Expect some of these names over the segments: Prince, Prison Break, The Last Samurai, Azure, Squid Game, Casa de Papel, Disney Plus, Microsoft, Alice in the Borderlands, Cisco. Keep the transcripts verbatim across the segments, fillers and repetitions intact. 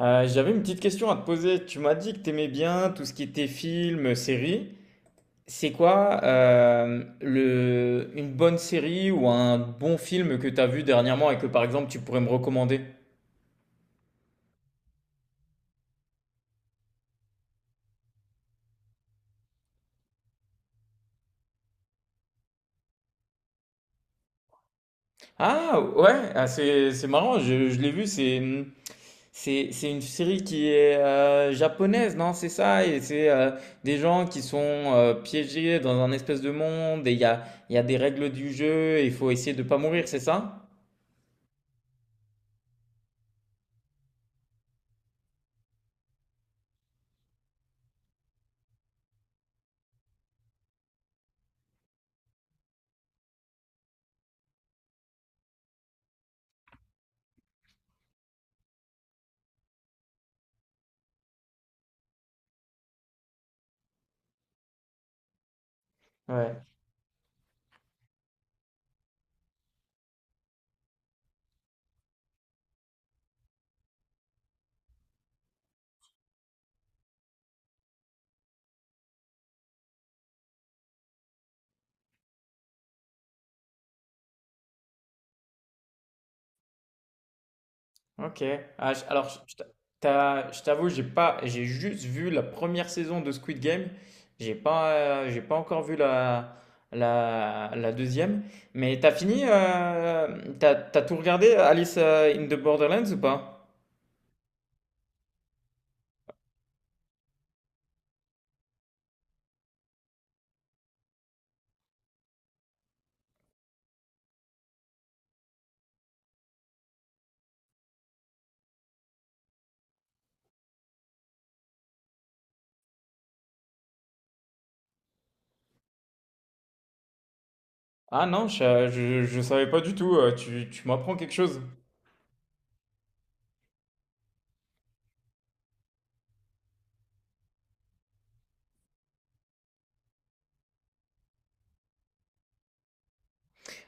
Euh, j'avais une petite question à te poser. Tu m'as dit que t'aimais bien tout ce qui était film, série. C'est quoi euh, le, une bonne série ou un bon film que t'as vu dernièrement et que par exemple tu pourrais me recommander? Ah ouais, ah, c'est c'est marrant, je, je l'ai vu, c'est c'est c'est une série qui est euh, japonaise, non? C'est ça, et c'est euh, des gens qui sont euh, piégés dans un espèce de monde et il y a, il y a des règles du jeu et il faut essayer de pas mourir, c'est ça? Ouais. Ok. Ah, je- alors, je je t'a- t'as- je t'avoue, j'ai pas, j'ai juste vu la première saison de Squid Game. J'ai pas, euh, j'ai pas encore vu la, la, la deuxième. Mais t'as fini, euh, t'as, t'as tout regardé, Alice euh, in the Borderlands ou pas? Ah non, je, je, je savais pas du tout. euh, Tu, tu m'apprends quelque chose.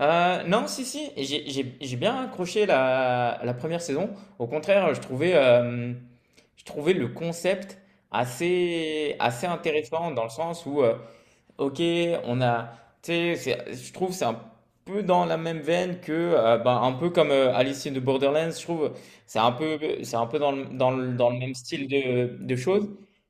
Euh, non, si, si, et j'ai j'ai- j'ai bien accroché la, la première saison. Au contraire, je trouvais, euh, je trouvais le concept assez, assez intéressant dans le sens où euh, OK, on a, tu sais, c'est- je trouve que c'est un peu dans la même veine que, euh, ben, un peu comme euh, Alice in the Borderlands, je trouve, c'est un peu, c'est un peu dans le, dans le, dans le même style de, de choses,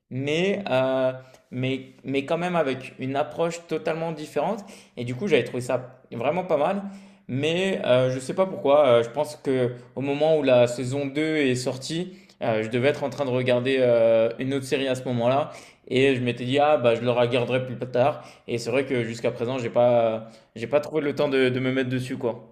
mais, euh, mais, mais quand même avec une approche totalement différente. Et du coup, j'avais trouvé ça vraiment pas mal, mais euh, je sais pas pourquoi. Euh, je pense que au moment où la saison deux est sortie, euh, je devais être en train de regarder euh, une autre série à ce moment-là. Et je m'étais dit, ah, bah, je le regarderai plus tard. Et c'est vrai que jusqu'à présent, j'ai pas, j'ai pas trouvé le temps de, de me mettre dessus, quoi.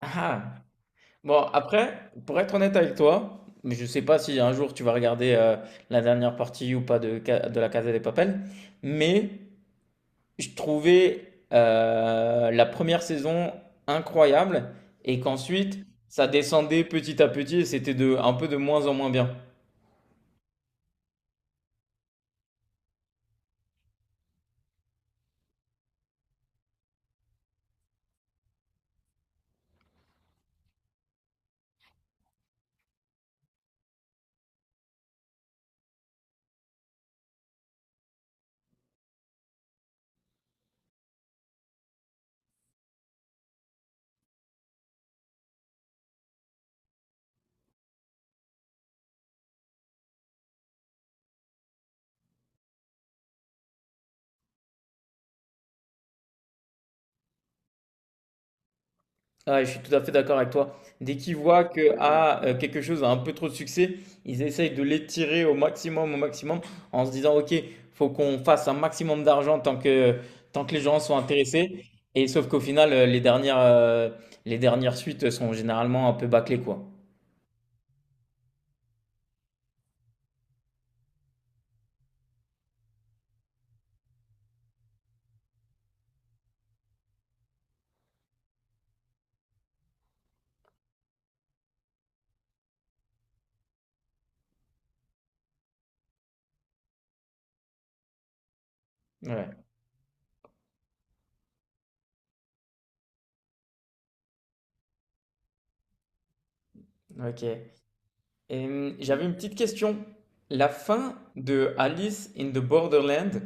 Ah. Bon, après, pour être honnête avec toi, mais je sais pas si un jour tu vas regarder euh, la dernière partie ou pas de, Ca- de la Casa des Papel, mais je trouvais euh, la première saison incroyable et qu'ensuite ça descendait petit à petit et c'était de, un peu de moins en moins bien. Ah, je suis tout à fait d'accord avec toi. Dès qu'ils voient que ah, euh, quelque chose a un peu trop de succès, ils essayent de l'étirer au maximum, au maximum, en se disant, OK, faut qu'on fasse un maximum d'argent tant que, tant que les gens sont intéressés. Et sauf qu'au final, euh, les dernières, euh, les dernières suites sont généralement un peu bâclées, quoi. Ouais, ok. Et, hum, j'avais une petite question. La fin de Alice in the Borderland,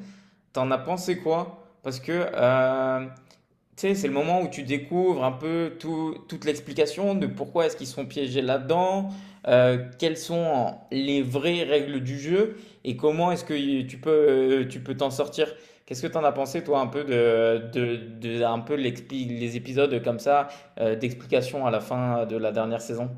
t'en as pensé quoi? Parce que euh, tu sais, c'est le moment où tu découvres un peu tout- toute l'explication de pourquoi est-ce qu'ils sont piégés là-dedans, euh, quelles sont les vraies règles du jeu et comment est-ce que tu peux euh, tu peux t'en sortir. Qu'est-ce que tu en as pensé toi un peu de, de, de- un peu l'expli- les épisodes comme ça euh, d'explication à la fin de la dernière saison?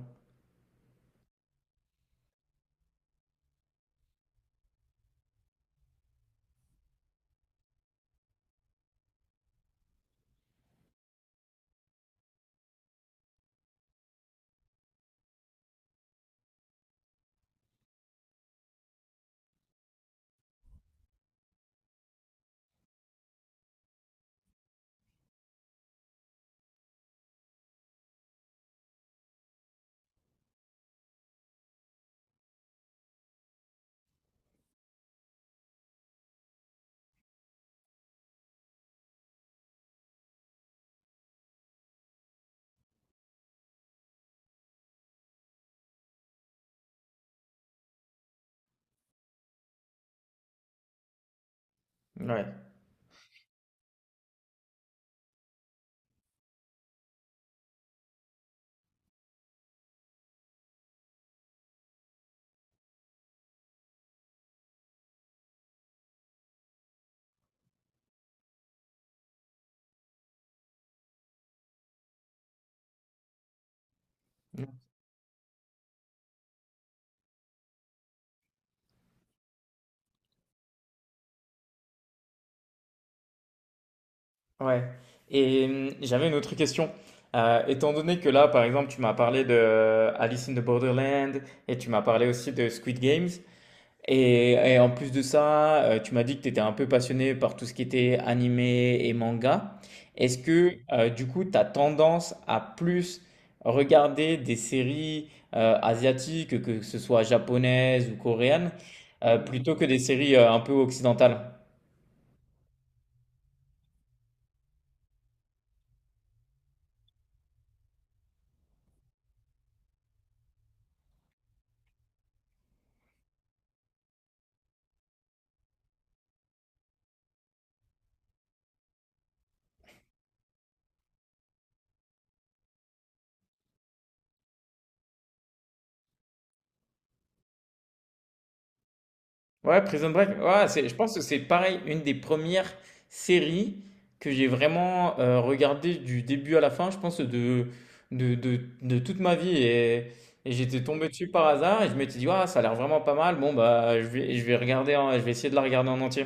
Ouais. Ouais. Et hum, j'avais une autre question. Euh, étant donné que là, par exemple, tu m'as parlé de euh, Alice in the Borderland et tu m'as parlé aussi de Squid Games, Et, et en plus de ça, euh, tu m'as dit que tu étais un peu passionné par tout ce qui était animé et manga. Est-ce que euh, du coup, tu as tendance à plus regarder des séries euh, asiatiques, que ce soit japonaises ou coréennes, euh, plutôt que des séries euh, un peu occidentales? Ouais, Prison Break. Ouais, c'est, je pense que c'est pareil, une des premières séries que j'ai vraiment euh, regardé du début à la fin, je pense, de, de, de, de toute ma vie. Et, et j'étais tombé dessus par hasard et je m'étais dit, ouais, ça a l'air vraiment pas mal. Bon, bah, je vais, je vais regarder, en- je vais essayer de la regarder en entier.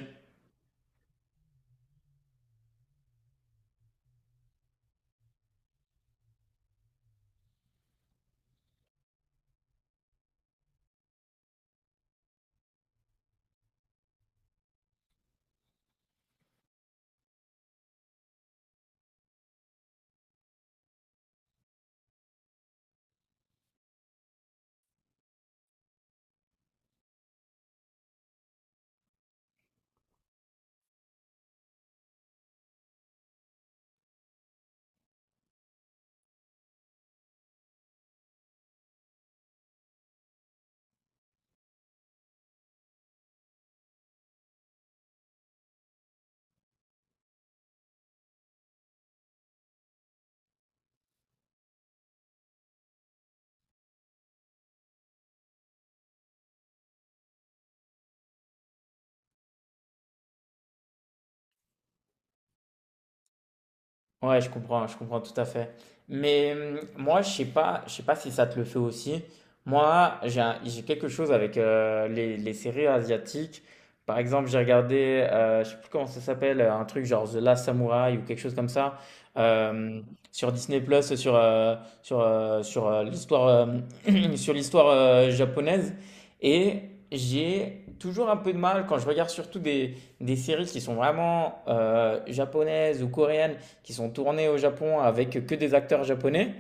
Ouais, je comprends, je comprends tout à fait. Mais hum, moi, je sais pas, je sais pas si ça te le fait aussi. Moi, j'ai un- j'ai quelque chose avec euh, les, les séries asiatiques. Par exemple, j'ai regardé, euh, je sais plus comment ça s'appelle, euh, un truc genre The Last Samurai ou quelque chose comme ça euh, sur Disney Plus, sur euh, sur euh, sur euh, l'histoire euh, sur l'histoire euh, japonaise. Et j'ai toujours un peu de mal quand je regarde surtout des des séries qui sont vraiment euh, japonaises ou coréennes qui sont tournés au Japon avec que des acteurs japonais,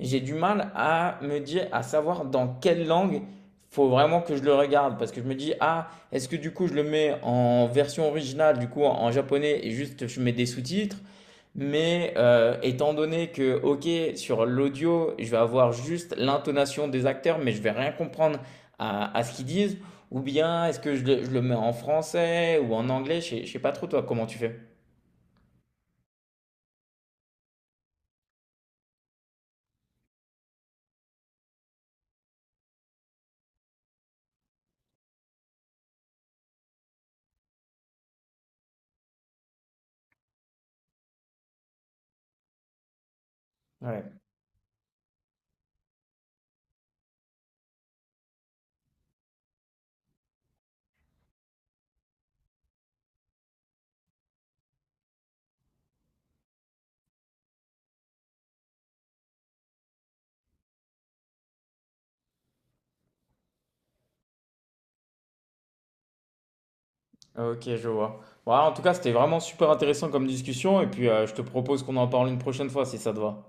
j'ai du mal à me dire, à savoir dans quelle langue faut vraiment que je le regarde parce que je me dis ah est-ce que du coup je le mets en version originale du coup en japonais et juste je mets des sous-titres mais euh, étant donné que ok sur l'audio je vais avoir juste l'intonation des acteurs mais je vais rien comprendre à, à ce qu'ils disent ou bien est-ce que je le, je le mets en français ou en anglais je sais, je sais pas trop toi comment tu fais ouais. Ok, je vois. Voilà, en tout cas, c'était vraiment super intéressant comme discussion et puis euh, je te propose qu'on en parle une prochaine fois si ça te va.